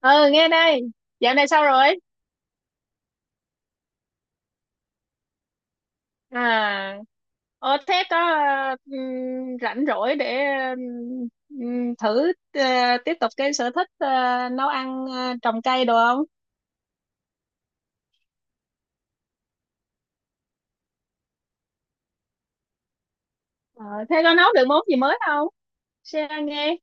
Ừ, nghe đây. Dạo này sao rồi? À, thế có rảnh rỗi để thử ờ, tiếp tục cái sở thích nấu ăn trồng cây đồ không? Ờ, thế có nấu được món gì mới không? Share nghe.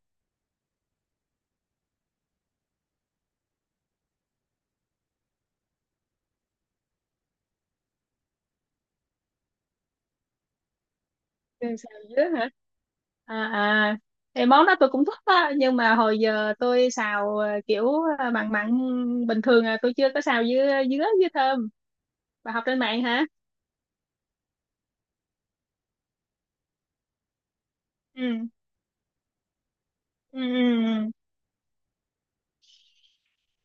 Đường xào dứa hả? À, à, thì món đó tôi cũng thích á, nhưng mà hồi giờ tôi xào kiểu mặn mặn bình thường, à, tôi chưa có xào dứa dứa với thơm. Bà học trên mạng hả? Ừ. Ừ. Ừ.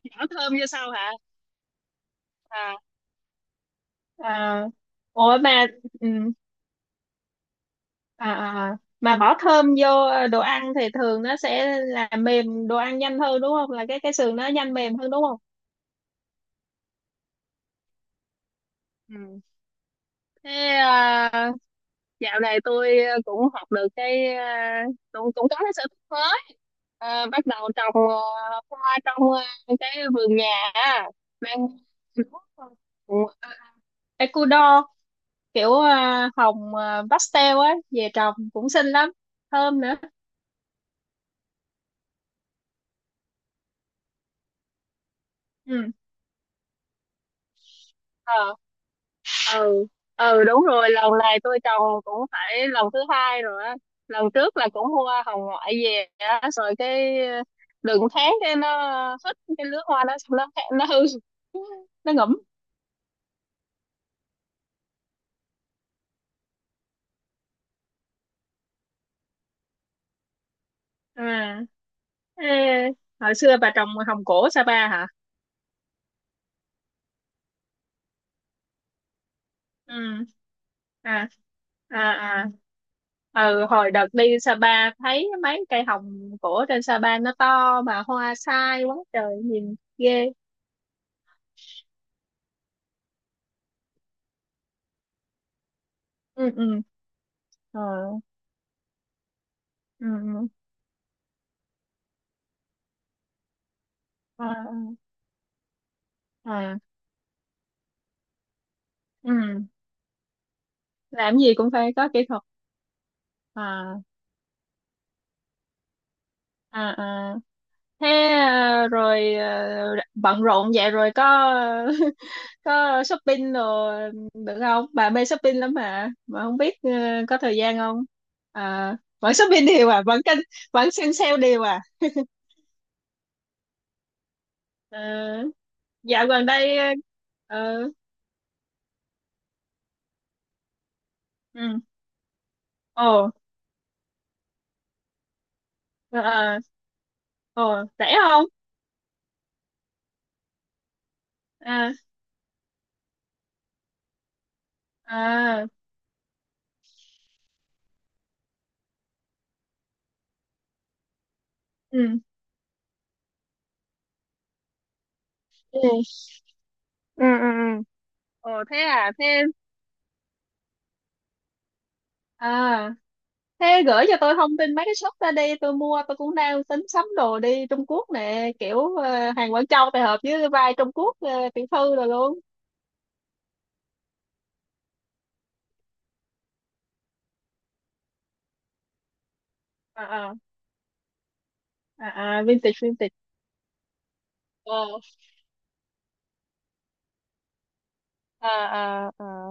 Ừ. Bỏ thơm vô sau hả? À. À, ủa mà, ừ, à, à, à, mà bỏ thơm vô đồ ăn thì thường nó sẽ làm mềm đồ ăn nhanh hơn, đúng không? Là cái sườn nó nhanh mềm hơn, đúng không? Ừ. Thế à, dạo này tôi cũng học được cái, cũng cũng có cái sở thích mới. À, bắt đầu trồng hoa trong cái vườn nhà á. Mang, Ừ, Ecuador kiểu hồng pastel á về trồng cũng xinh lắm, thơm nữa. Ừ. Ừ, ừ, đúng rồi. Lần này tôi trồng cũng phải lần thứ hai rồi á. Lần trước là cũng mua hồng ngoại về á, rồi cái đừng tháng cái nó hết cái lứa hoa đó, xong nó hư, nó ngủm. À, ê, hồi xưa bà trồng hồng cổ Sapa hả? Ừ, à, à, à, ừ, hồi đợt đi Sapa thấy mấy cây hồng cổ trên Sapa nó to mà hoa sai quá trời nhìn ghê. Ừ. Ừ. Ờ. Ừ. Ừ. Ờ, à, ừ. Làm gì cũng phải có kỹ thuật. À. À. À, thế à, rồi bận rộn vậy rồi có có shopping rồi được không, bà mê shopping lắm mà không biết có thời gian không? À, vẫn shopping đều, à, vẫn kênh. Vẫn xem sale đều à? Ờ, dạo gần đây, ờ, ừ, ồ, ờ, ờ, ồ, rẻ không? À. À. Ừ. Ừ. Ừ. Ừ. Ừ. Ồ, thế à? Thế, à, thế gửi cho tôi thông tin mấy cái shop ra đi, tôi mua. Tôi cũng đang tính sắm đồ đi Trung Quốc nè, kiểu hàng Quảng Châu tài hợp với vai Trung Quốc tiểu thư rồi luôn. À. À. À. À, vintage vintage. Ờ. À. À. À.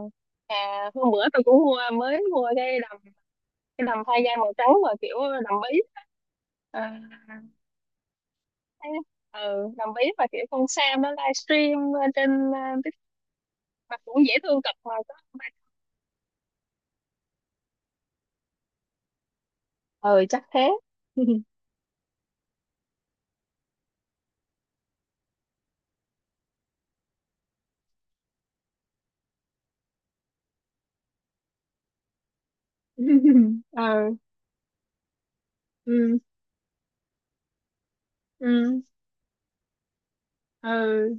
à hôm bữa tôi cũng mua, mới mua cái đầm thay da màu trắng, mà kiểu đầm bí. À, thế- ừ, đầm bí và kiểu con Sam nó livestream lên trên TikTok mà cũng dễ thương cực mà có. Ừ, chắc thế. Ừ. Ừ. Ừ. Ừ.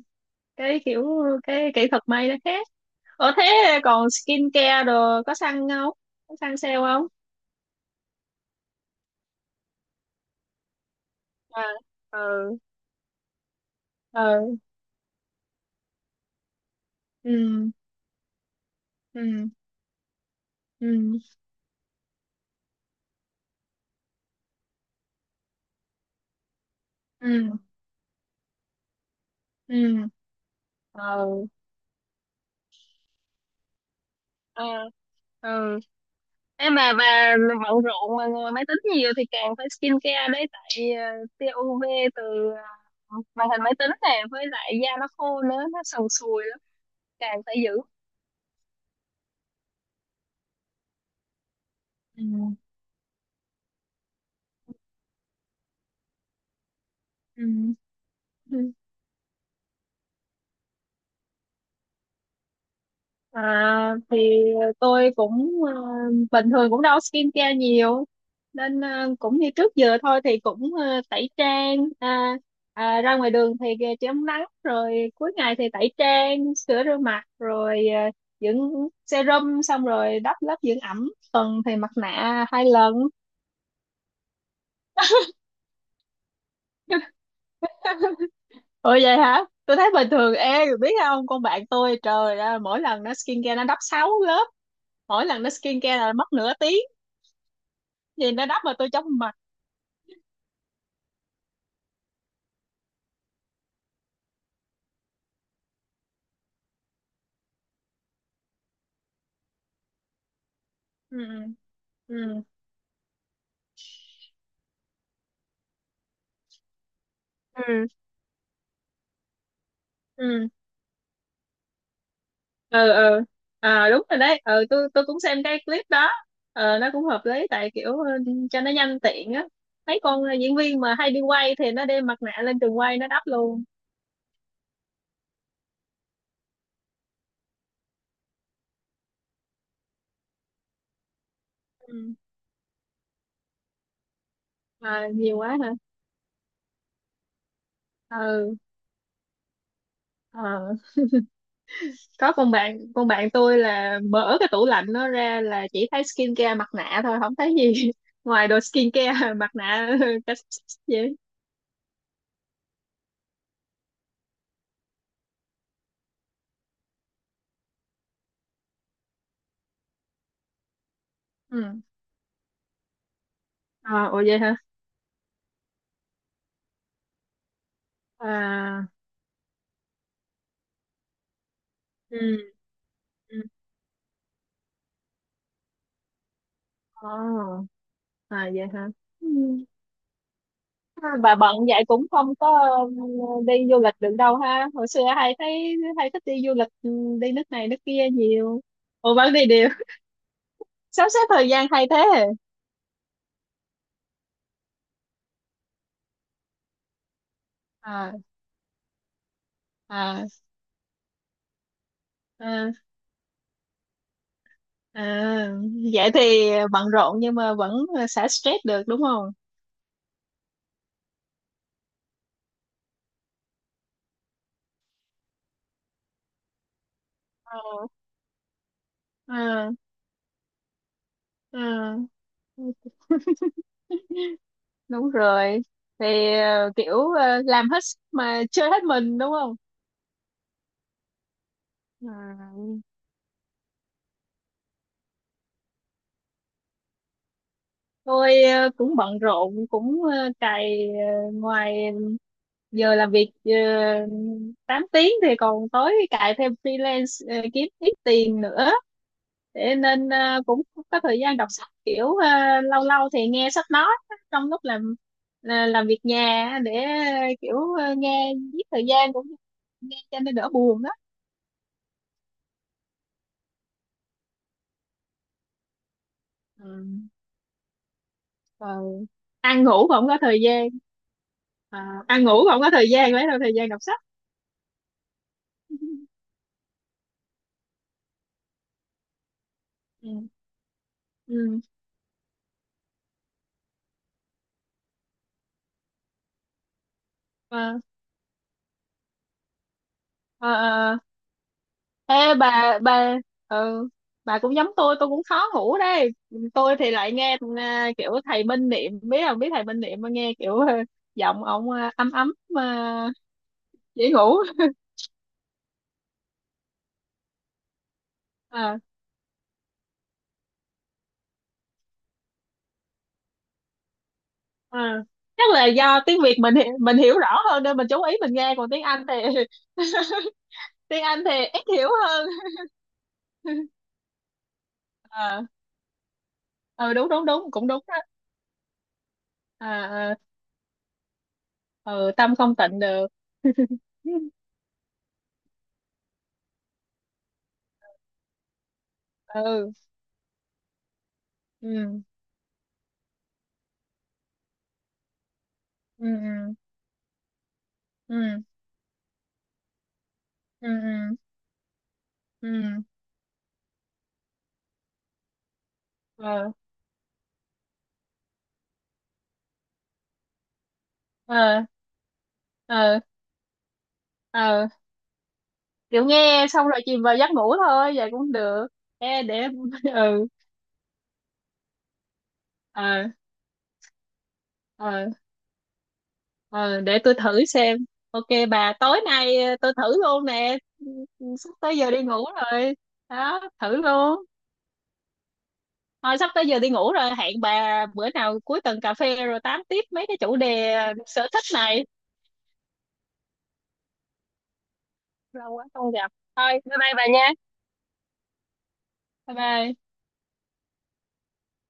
cái kiểu cái kỹ thuật may nó khác. Ủa thế, còn skin care đồ có săn không? Có săn sale không? À. Ừ. Ừ. Ừ. Ừ. Ừ. Ừ. Ừ. Ừ. Ừ. Ừ. Em mà bà bận rộn mà ngồi máy tính nhiều thì càng phải skin care đấy. Tại tia UV từ màn hình máy tính này, với lại da nó khô nữa, nó sần sùi lắm, càng phải giữ. Ừ. Ừ. À, thì tôi cũng bình thường cũng đâu skincare nhiều. Nên cũng như trước giờ thôi, thì cũng tẩy trang, ra ngoài đường thì chống nắng, rồi cuối ngày thì tẩy trang, sữa rửa mặt, rồi dưỡng serum, xong rồi đắp lớp dưỡng ẩm, tuần thì mặt nạ 2 lần. Ủa vậy hả? Tôi thấy bình thường. Ê, biết không, con bạn tôi trời ơi, mỗi lần nó skincare nó đắp 6 lớp. Mỗi lần nó skincare là mất nửa tiếng, vì nó đắp mà tôi chóng mặt. Ừ. Ừ. Ừ. Ừ. Ừ. Ừ. À, đúng rồi đấy. Ừ, tôi cũng xem cái clip đó. Nó cũng hợp lý, tại kiểu, ừ, cho nó nhanh tiện á. Mấy con diễn viên mà hay đi quay thì nó đem mặt nạ lên trường quay nó đắp luôn. Ừ. À, nhiều quá hả? Ừ. Ờ. Có con bạn tôi là mở cái tủ lạnh nó ra là chỉ thấy skincare mặt nạ thôi, không thấy gì ngoài đồ skincare mặt nạ cái gì. Ừ. À, ủa vậy hả? À. Ừ. Ừ. Ồ. À vậy hả? Ừ. À, bà bận vậy cũng không có, ừ, đi du lịch được đâu ha, hồi xưa hay thấy hay thích đi du lịch, ừ, đi nước này nước kia nhiều. Ủa vẫn đi đều? Sắp xếp thời gian hay thế. À. À. À. À. Vậy thì bận rộn nhưng mà vẫn xả stress được, đúng không? Ờ. Ờ. Ờ. Đúng rồi, thì kiểu làm hết sức mà chơi hết mình, đúng không? Ừ. Tôi cũng bận rộn, cũng cày ngoài giờ làm việc 8 tiếng, thì còn tối cày thêm freelance kiếm ít tiền nữa. Thế nên cũng không có thời gian đọc sách, kiểu lâu lâu thì nghe sách nói trong lúc làm, làm việc nhà á, để kiểu nghe giết thời gian, cũng nghe cho nên đỡ buồn đó. Ừ. Rồi ăn ngủ cũng không có thời gian, à, ăn ngủ cũng không có thời gian, lấy đâu thời gian đọc sách. Ừ. Ừ. À. À. À. Ê, bà, ừ, bà cũng giống tôi cũng khó ngủ đây. Tôi thì lại nghe kiểu thầy Minh Niệm, biết không, biết thầy Minh Niệm mà nghe kiểu giọng ông ấm ấm mà dễ ngủ. À. À. Chắc là do tiếng Việt mình mình hiểu rõ hơn nên mình chú ý mình nghe, còn tiếng Anh thì tiếng Anh thì ít hiểu hơn. Ờ. Ừ, đúng đúng đúng, cũng đúng đó. À. À. Ừ, tâm không tịnh được. Ừ. Ừ. Ừ. Ừ. Ừ. Ừ. Ừ. Ừ. Ờ. Ờ. Ờ. Ờ, kiểu nghe xong rồi chìm vào giấc ngủ thôi, vậy cũng được. Ê, để ừ, ờ, ờ, ờ, để tôi thử xem. OK bà, tối nay tôi thử luôn nè. Ừ, ừ, sắp tới giờ đi ngủ rồi, đó thử luôn. Thôi, sắp tới giờ đi ngủ rồi, hẹn bà bữa nào cuối tuần cà phê rồi tám tiếp mấy cái chủ đề sở thích này. Lâu quá không gặp. Thôi bye bye bà nha. Bye bye.